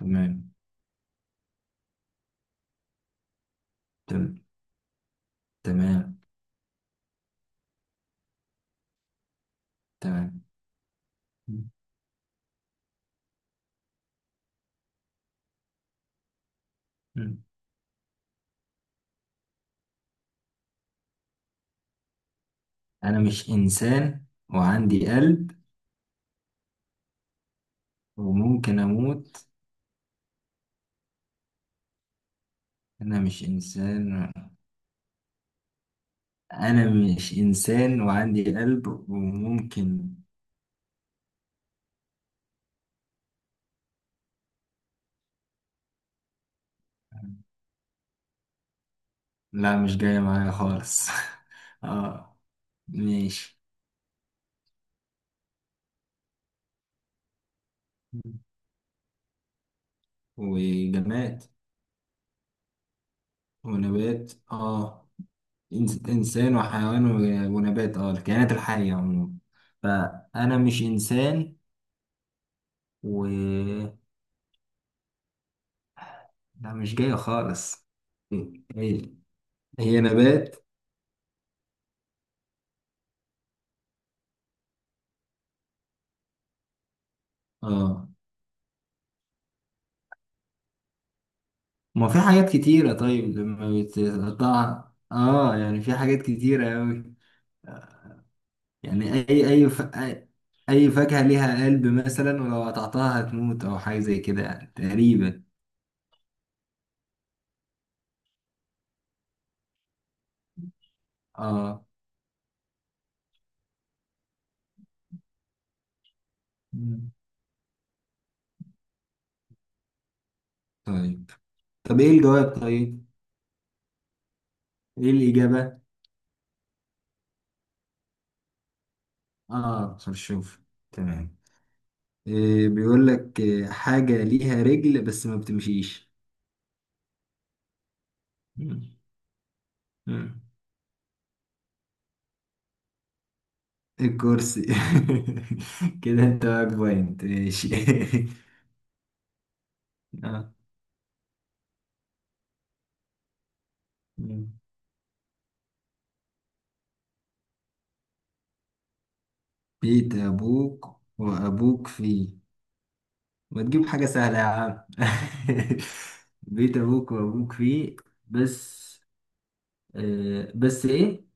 تمام. تم- تمام تمام. مم. أنا مش إنسان وعندي قلب وممكن أموت. أنا مش إنسان. أنا مش إنسان وعندي قلب وممكن. لا، مش جاية معايا خالص. آه. ماشي. وجماد. ونبات، آه. إنسان وحيوان ونبات، آه، الكائنات الحية عموما. فأنا مش إنسان و. لا، مش جاية خالص. هي هي نبات. اه، ما في حاجات كتيرة طيب لما بتقطعها، يعني في حاجات كتيرة أوي. يعني أي أي ف... أي أي فاكهة ليها قلب مثلا، ولو قطعتها هتموت أو حاجة زي كده، يعني تقريبا. اه. مم. طيب طب إيه الجواب طيب؟ إيه الإجابة؟ اه، خرشوف. تمام. إيه بيقول لك إيه، حاجة ليها رجل بس ما بتمشيش. مم. مم. الكرسي. كده انت معاك بوينت، ماشي. آه. بيت ابوك وابوك فيه. ما تجيب حاجة سهلة يا عم. بيت ابوك وابوك فيه بس. آه، بس ايه.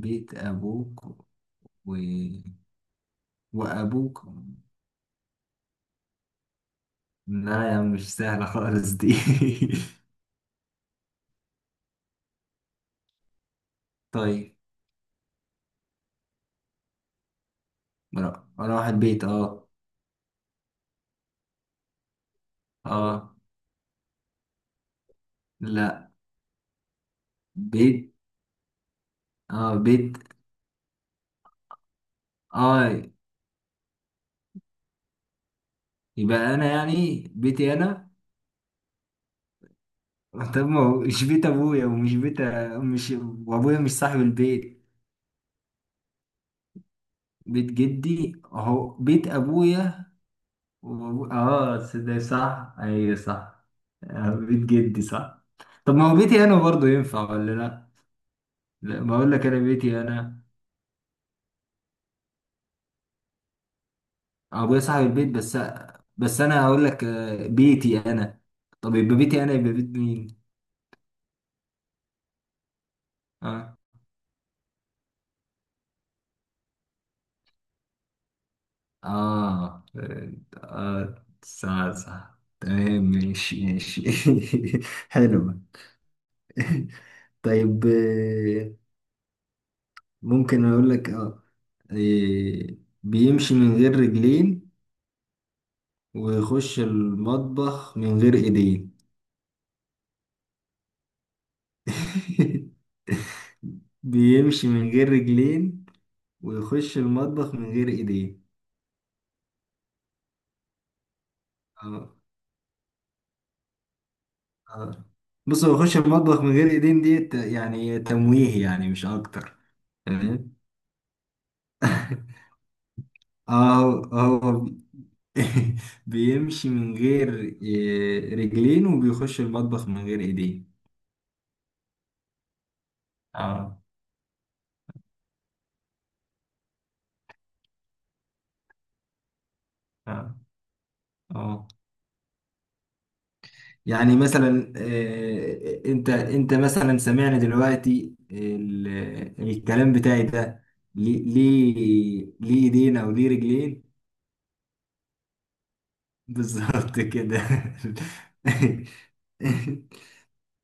بيت ابوك و... وابوك. لا يا عم، مش سهلة خالص دي. طيب. اروح البيت، اه. اه. لا. بيت. اه، بيت. اه. يبقى انا، يعني بيتي انا. طب ما هو مش بيت ابويا ومش بيت. مش وابويا مش صاحب البيت. بيت جدي اهو بيت ابويا. اه، ده صح، ايوه، صح. آه، بيت جدي صح. طب ما هو بيتي انا برضه ينفع ولا لا؟ لا، بقول لك انا بيتي انا. ابويا صاحب البيت بس. بس انا هقول لك، آه، بيتي انا. طب يبقى بيتي انا يبقى بيت مين؟ آه. آه. آه، صح، صح، تمام، ماشي ماشي. حلو. طيب، ممكن أقول لك؟ آه، بيمشي من غير رجلين ويخش المطبخ من غير إيدين. بيمشي من غير رجلين ويخش المطبخ من غير إيدين. آه. آه بص، هو يخش المطبخ من غير إيدين دي يعني تمويه يعني، مش أكتر. تمام. اه، هو بيمشي من غير رجلين، وبيخش المطبخ من غير ايدين. اه. اه. اه يعني مثلا، انت مثلا، سمعنا دلوقتي الكلام بتاعي ده. ليه. ليه ايدين او ليه رجلين؟ بالظبط كده.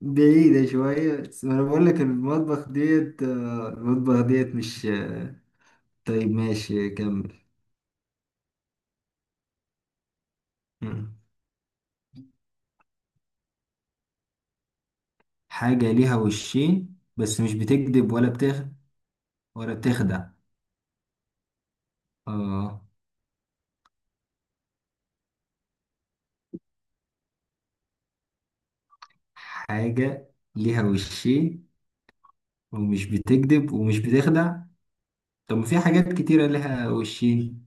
بعيدة شوية، بس ما انا بقول لك المطبخ ديت مش طيب ماشي، كمل. مم. حاجة ليها وشين بس مش بتكذب ولا بتخدع. اه. حاجة ليها وشين ومش بتكذب ومش بتخدع. طب ما في حاجات كتيرة ليها وشين.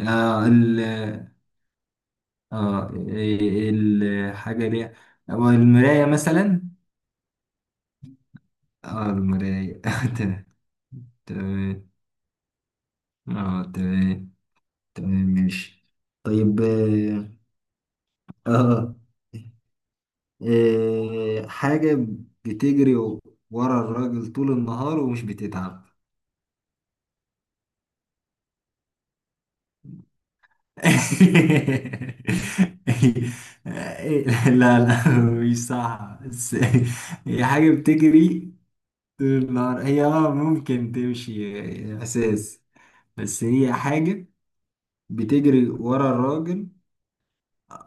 اه ال الحاجة ليها، أو المراية مثلا. اه، المراية. تمام. تمام اه تمام تمام ماشي. طيب آه. حاجة بتجري ورا الراجل طول النهار ومش بتتعب. لا، لا، مش صح، بس. هي حاجة بتجري طول النهار. هي ممكن تمشي، اساس. بس هي حاجة بتجري ورا الراجل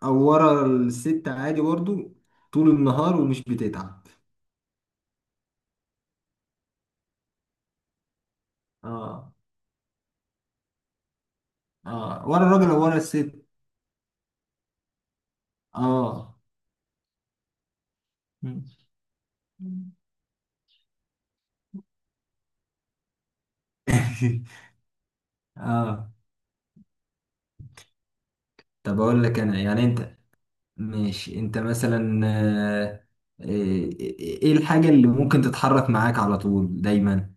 أو ورا الست عادي برضو، طول النهار ومش بتتعب. اه. اه، ورا الراجل او ورا الست. اه. اه. طب اقول لك انا، يعني انت. ماشي، انت مثلا، ايه، الحاجة اللي ممكن تتحرك معاك على طول دايما؟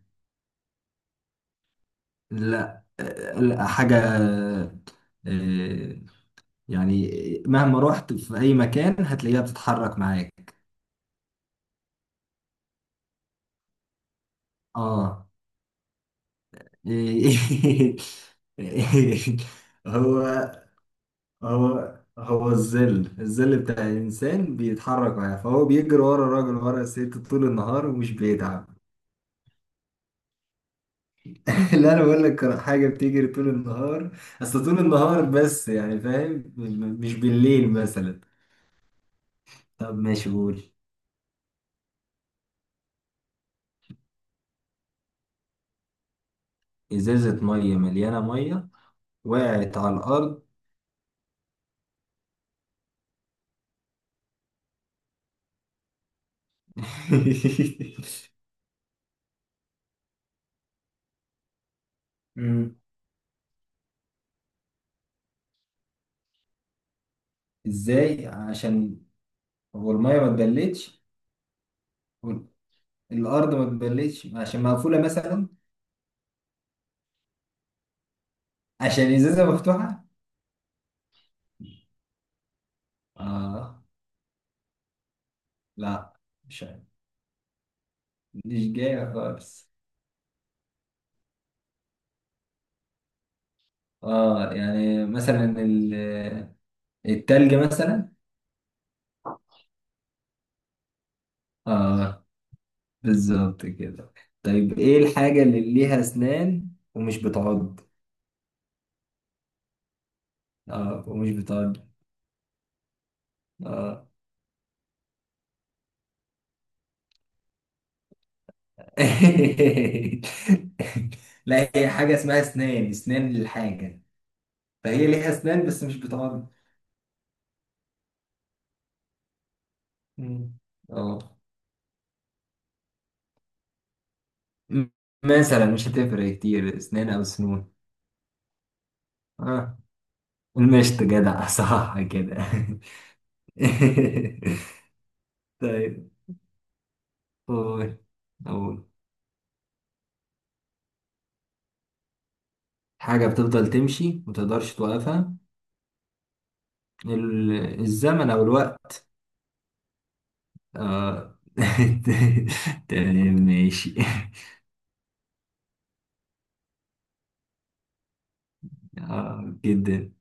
لا، لا حاجة، آه، يعني مهما رحت في اي مكان هتلاقيها بتتحرك معاك. اه. إيه- هو هو الظل بتاع الإنسان بيتحرك معاه، فهو بيجري ورا الراجل، ورا الست، طول النهار ومش بيتعب. اللي انا بقول لك حاجه بتجري طول النهار، اصل طول النهار بس، يعني فاهم، مش بالليل مثلا. طب ماشي، قول. ازازه ميه مليانه، ميه وقعت على الارض. مم. ازاي؟ عشان هو الميه ما اتبلتش وال- الارض ما اتبلتش، عشان مقفوله مثلا. عشان ازازه مفتوحه. اه. لا. مش عارف. مش جايه خالص. اه يعني مثلا، التلج مثلا. اه، بالظبط كده. طيب ايه الحاجة اللي ليها اسنان ومش بتعض؟ اه ومش بتعض. اه. لا، هي حاجة اسمها اسنان، اسنان للحاجة. فهي ليها اسنان بس مش بتعض. مم. اه. م- مثلا مش هتفرق كتير، اسنان او سنون. اه، المشط، جدع، صح كده. طيب، قول قول. حاجة بتفضل تمشي متقدرش توقفها. الزمن او الوقت. اه. تمام ماشي. اه، جدا.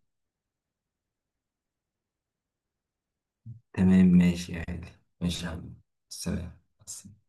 تمام ماشي يعني. ماشي يا حبيبي. سلام.